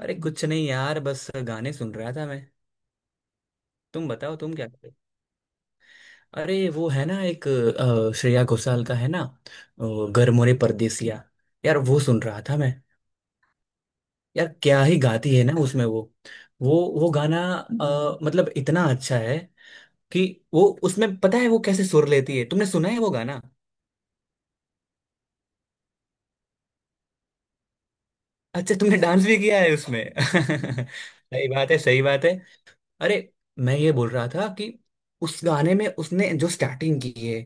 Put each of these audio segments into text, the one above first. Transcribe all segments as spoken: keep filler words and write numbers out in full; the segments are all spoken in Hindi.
अरे कुछ नहीं यार, बस गाने सुन रहा था मैं। तुम बताओ, तुम क्या कर रहे हो? अरे, वो है ना एक अ, श्रेया घोषाल का है ना। अ, घर मोरे परदेसिया यार, वो सुन रहा था मैं। यार क्या ही गाती है ना उसमें वो। वो वो गाना, अ, मतलब इतना अच्छा है कि वो उसमें, पता है, वो कैसे सुर लेती है। तुमने सुना है वो गाना? अच्छा, तुमने डांस भी किया है उसमें। सही बात है, सही बात है। अरे, मैं ये बोल रहा था कि उस गाने में उसने जो स्टार्टिंग की है,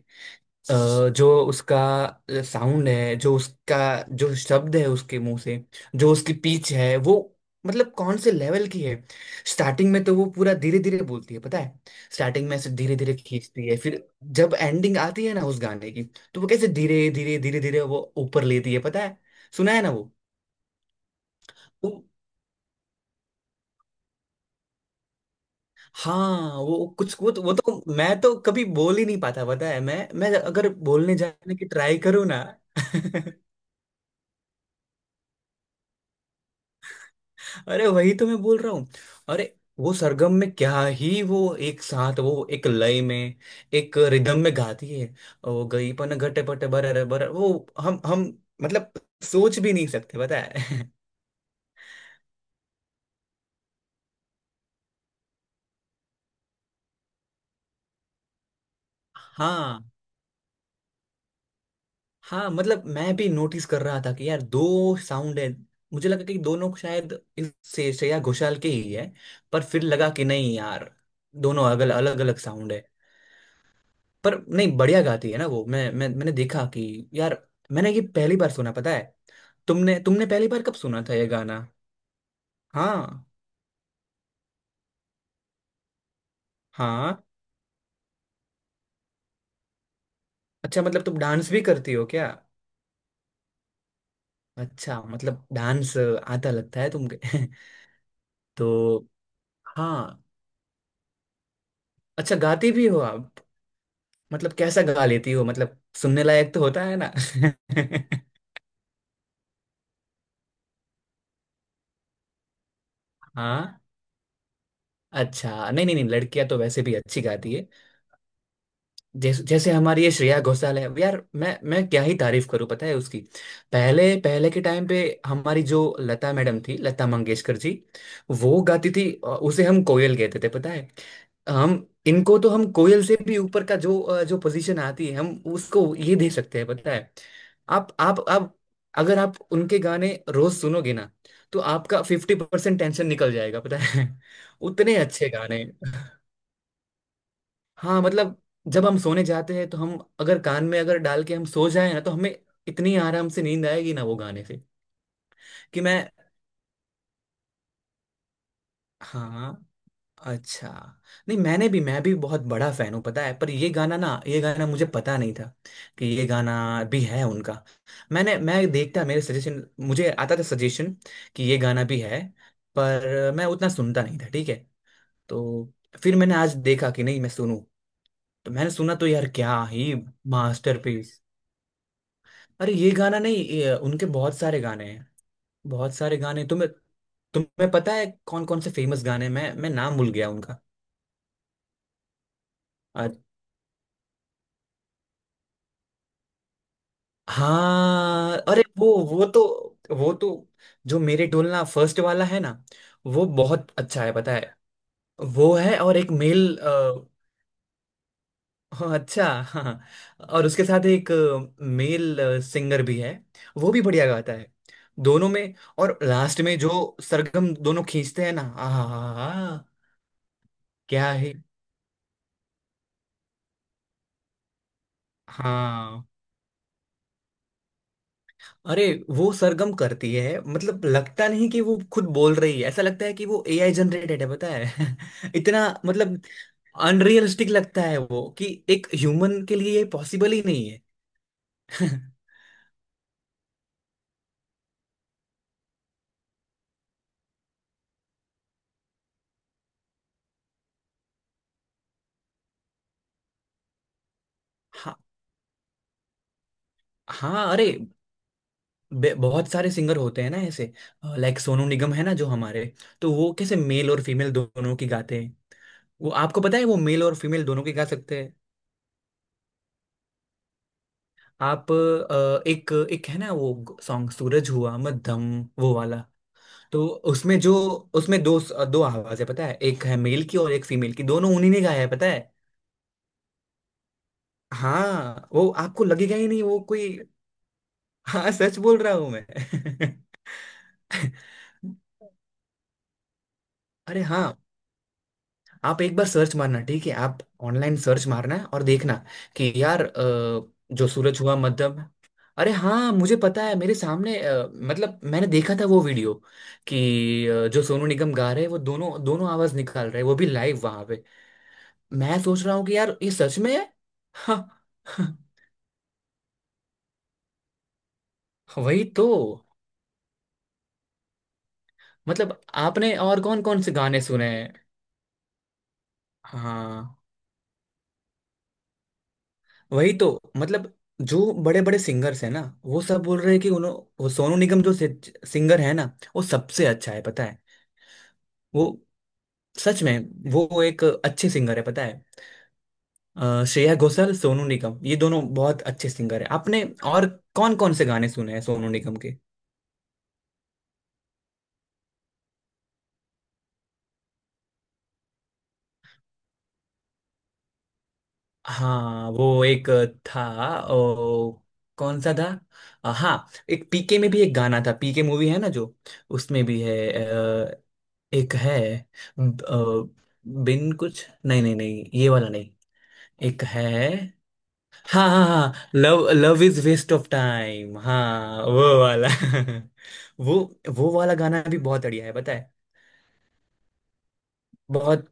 अ, जो उसका साउंड है, जो उसका जो शब्द है उसके मुंह से, जो उसकी पीच है वो, मतलब कौन से लेवल की है। स्टार्टिंग में तो वो पूरा धीरे धीरे बोलती है, पता है। स्टार्टिंग में ऐसे धीरे धीरे खींचती है। फिर जब एंडिंग आती है ना उस गाने की, तो वो कैसे धीरे धीरे धीरे धीरे वो ऊपर लेती है, पता है। सुना है ना वो। वो- हाँ वो कुछ, वो तो, वो तो मैं तो कभी बोल ही नहीं पाता, पता है। मैं मैं अगर बोलने जाने की ट्राई करूँ ना। अरे वही तो मैं बोल रहा हूँ। अरे वो सरगम में क्या ही वो, एक साथ वो एक लय में, एक रिदम में गाती है। वो गई पन घटे पटे बर, अरे बर वो, हम हम मतलब सोच भी नहीं सकते, पता है। हाँ, हाँ मतलब मैं भी नोटिस कर रहा था कि यार दो साउंड है। मुझे लगा कि दोनों शायद इस से श्रेया घोषाल के ही है, पर फिर लगा कि नहीं यार, दोनों अलग अलग अलग साउंड है। पर नहीं, बढ़िया गाती है ना वो। मैं मैं मैंने देखा कि यार, मैंने ये पहली बार सुना, पता है। तुमने तुमने पहली बार कब सुना था ये गाना? हाँ, हाँ। अच्छा मतलब तुम डांस भी करती हो क्या? अच्छा मतलब डांस आता लगता है तुमके। तो हाँ, अच्छा गाती भी हो आप। मतलब कैसा गा लेती हो? मतलब सुनने लायक तो होता है ना? हाँ, अच्छा। नहीं नहीं नहीं, लड़कियां तो वैसे भी अच्छी गाती है। जैसे जैसे हमारी ये श्रेया घोषाल है यार, मैं मैं क्या ही तारीफ करूं, पता है उसकी। पहले पहले के टाइम पे हमारी जो लता मैडम थी, लता मंगेशकर जी, वो गाती थी। अ, उसे हम कोयल कहते थे, पता है। हम इनको तो हम कोयल से भी ऊपर का जो, अ, जो पोजीशन आती है, हम उसको ये दे सकते हैं, पता है। आप आप आप अगर आप उनके गाने रोज सुनोगे ना, तो आपका फिफ्टी परसेंट टेंशन निकल जाएगा, पता है। उतने अच्छे गाने। हाँ मतलब जब हम सोने जाते हैं, तो हम अगर कान में, अगर डाल के हम सो जाए ना, तो हमें इतनी आराम से नींद आएगी ना वो गाने से कि मैं। हाँ, अच्छा। नहीं, मैंने भी मैं भी बहुत बड़ा फैन हूँ, पता है। पर ये गाना ना, ये गाना मुझे पता नहीं था कि ये गाना भी है उनका। मैंने मैं देखता, मेरे सजेशन मुझे आता था, सजेशन कि ये गाना भी है, पर मैं उतना सुनता नहीं था। ठीक है तो फिर मैंने आज देखा कि नहीं, मैं सुनूं। तो मैंने सुना तो यार क्या ही मास्टरपीस। अरे ये गाना नहीं, ये, उनके बहुत सारे गाने हैं। बहुत सारे गाने तुम्हें तुम्हें पता है कौन कौन से फेमस गाने हैं? मैं मैं नाम भूल गया उनका। अ- हाँ। अरे वो वो तो वो तो जो मेरे डोलना फर्स्ट वाला है ना, वो बहुत अच्छा है, पता है। वो है और एक मेल। हाँ, अच्छा, हाँ। और उसके साथ एक मेल सिंगर भी है, वो भी बढ़िया गाता है दोनों में। और लास्ट में जो सरगम दोनों खींचते हैं ना, आहा क्या है। हाँ, अरे वो सरगम करती है मतलब लगता नहीं कि वो खुद बोल रही है, ऐसा लगता है कि वो ए आई जनरेटेड है, पता है। इतना मतलब, अनरियलिस्टिक लगता है वो कि एक ह्यूमन के लिए ये पॉसिबल ही नहीं है। हाँ, हाँ अरे, बे- बहुत सारे सिंगर होते हैं ना ऐसे, लाइक सोनू निगम है ना जो हमारे। तो वो कैसे मेल और फीमेल दोनों की गाते हैं। वो आपको पता है, वो मेल और फीमेल दोनों की गा सकते हैं। आप, अ, एक एक है ना वो सॉन्ग, सूरज हुआ मध्यम, वो वाला। तो उसमें जो, उसमें दो दो आवाज है, पता है। एक है मेल की और एक फीमेल की, दोनों उन्हीं ने गाया है, पता है। हाँ वो आपको लगेगा ही नहीं वो कोई। हाँ, सच बोल रहा हूँ मैं। अरे हाँ, आप एक बार सर्च मारना, ठीक है आप। ऑनलाइन सर्च मारना और देखना कि यार, अ, जो सूरज हुआ मध्यम। अरे हाँ, मुझे पता है। मेरे सामने, अ, मतलब मैंने देखा था वो वीडियो कि अ, जो सोनू निगम गा रहे हैं, वो दोनों दोनों आवाज निकाल रहे हैं, वो भी लाइव वहां पे। मैं सोच रहा हूँ कि यार ये सच में है। हाँ, हाँ, वही तो। मतलब आपने और कौन कौन से गाने सुने हैं? हाँ वही तो मतलब, जो बड़े बड़े सिंगर्स हैं ना, वो सब बोल रहे हैं कि उन्हों। वो सोनू निगम जो सिंगर है ना, वो सबसे अच्छा है, पता है। वो, सच में, वो एक अच्छे सिंगर है, पता है। अ, श्रेया घोषाल, सोनू निगम, ये दोनों बहुत अच्छे सिंगर है। आपने और कौन कौन से गाने सुने हैं सोनू निगम के? हाँ वो एक था। ओ, कौन सा था? अ, हाँ, एक पी के में भी एक गाना था, पी के मूवी है ना जो, उसमें भी है। एक है। ब- अ, बिन कुछ, नहीं नहीं नहीं, ये वाला नहीं। एक है। हाँ हाँ हाँ, love love is waste of time, हाँ वो वाला। वो वो वाला गाना भी बहुत बढ़िया है, पता है। बहुत।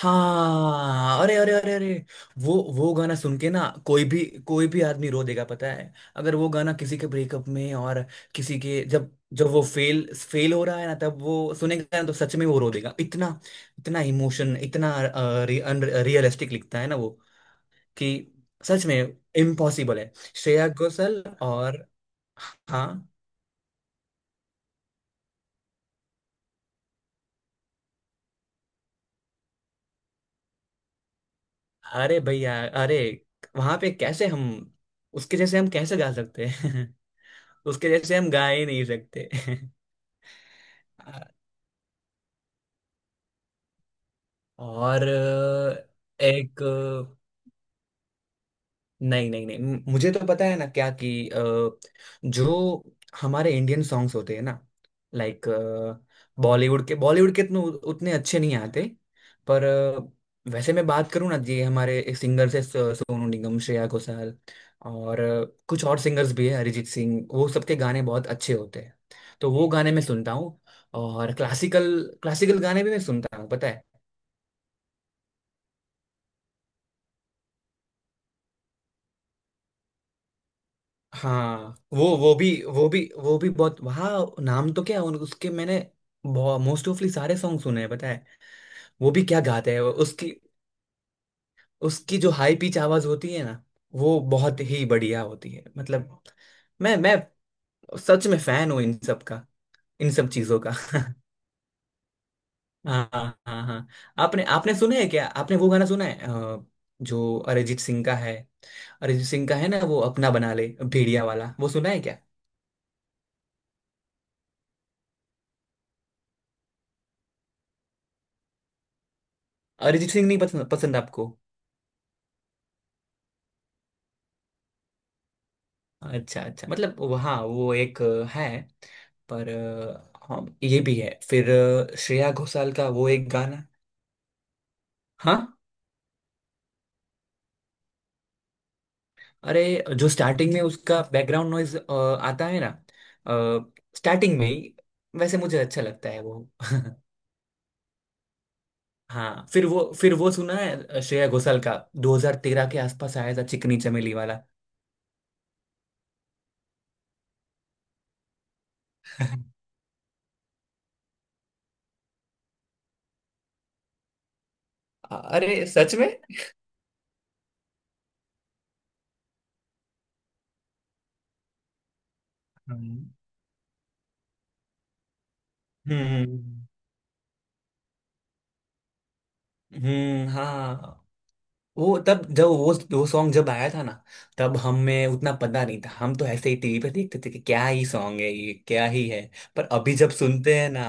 हाँ, अरे अरे अरे अरे, वो वो गाना सुन के ना, कोई भी, कोई भी आदमी रो देगा, पता है। अगर वो गाना किसी के ब्रेकअप में, और किसी के जब, जब वो फेल फेल हो रहा है ना, तब वो सुनेगा ना तो सच में वो रो देगा। इतना, इतना इमोशन, इतना रियलिस्टिक लिखता है ना वो कि, सच में इम्पॉसिबल है श्रेया घोषाल। और। हाँ, अरे भैया। अरे वहां पे कैसे हम, उसके जैसे हम कैसे गा सकते हैं? उसके जैसे हम गा ही नहीं सकते। और अ, एक। नहीं नहीं नहीं, म- मुझे तो पता है ना क्या कि अ, जो हमारे इंडियन सॉन्ग्स होते हैं ना, लाइक बॉलीवुड के, बॉलीवुड के इतने उतने अच्छे नहीं आते। पर अ, वैसे मैं बात करूँ ना जी, हमारे सिंगर्स है सोनू निगम, श्रेया घोषाल और अ, कुछ और सिंगर्स भी है, अरिजीत सिंह, वो सबके गाने बहुत अच्छे होते हैं। तो वो गाने मैं सुनता हूँ। और क्लासिकल, क्लासिकल गाने भी मैं सुनता हूँ, पता है। हाँ, वो वो भी वो भी वो भी बहुत वहाँ, नाम तो क्या, उन उसके मैंने मोस्ट ऑफली सारे सॉन्ग सुने हैं, पता है। वो भी क्या गाते हैं, वो उसकी, उसकी जो हाई पिच आवाज होती है ना, वो बहुत ही बढ़िया होती है। मतलब मैं मैं सच में फैन हूँ इन सब का, इन सब चीजों का। हाँ हाँ हाँ, आपने आपने सुना है क्या, आपने वो गाना सुना है अ, जो अरिजीत सिंह का है, अरिजीत सिंह का है ना, वो अपना बना ले भेड़िया वाला, वो सुना है क्या? अरिजीत सिंह नहीं पसंद? पसंद आपको? अच्छा, अच्छा, मतलब वो- हाँ, वो एक अ, है। पर अ, हाँ ये भी है। फिर अ, श्रेया घोषाल का वो एक गाना। हाँ, अरे जो स्टार्टिंग में उसका बैकग्राउंड नॉइज आता है ना, स्टार्टिंग में ही वैसे मुझे अच्छा लगता है वो। हाँ, फिर वो फिर वो सुना है श्रेया घोषाल का, दो हज़ार तेरह के आसपास आया था, चिकनी चमेली वाला। अरे सच में। हम्म, हम्म, हम्म, हाँ। वो, तब जब वो वो सॉन्ग जब आया था ना, तब हमें उतना पता नहीं था। हम तो ऐसे ही टीवी पे देखते थे कि क्या ही सॉन्ग है ये, क्या ही है। पर अभी जब सुनते हैं ना।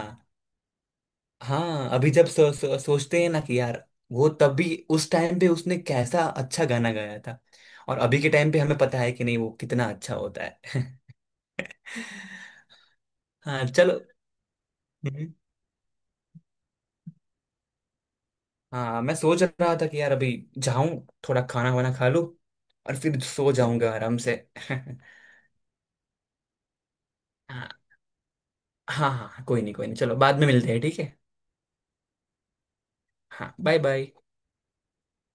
हाँ, अभी जब सो, सो, सोचते हैं ना कि यार, वो तभी उस टाइम पे उसने कैसा अच्छा गाना गाया था। और अभी के टाइम पे हमें पता है कि नहीं, वो कितना अच्छा होता है। हाँ, चलो। हम्म, हाँ मैं सोच रहा था कि यार अभी जाऊं, थोड़ा खाना वाना खा लूं, और फिर सो जाऊंगा आराम से। हाँ हाँ हाँ हाँ, कोई नहीं, कोई नहीं, चलो बाद में मिलते हैं, ठीक है। हाँ, बाय बाय।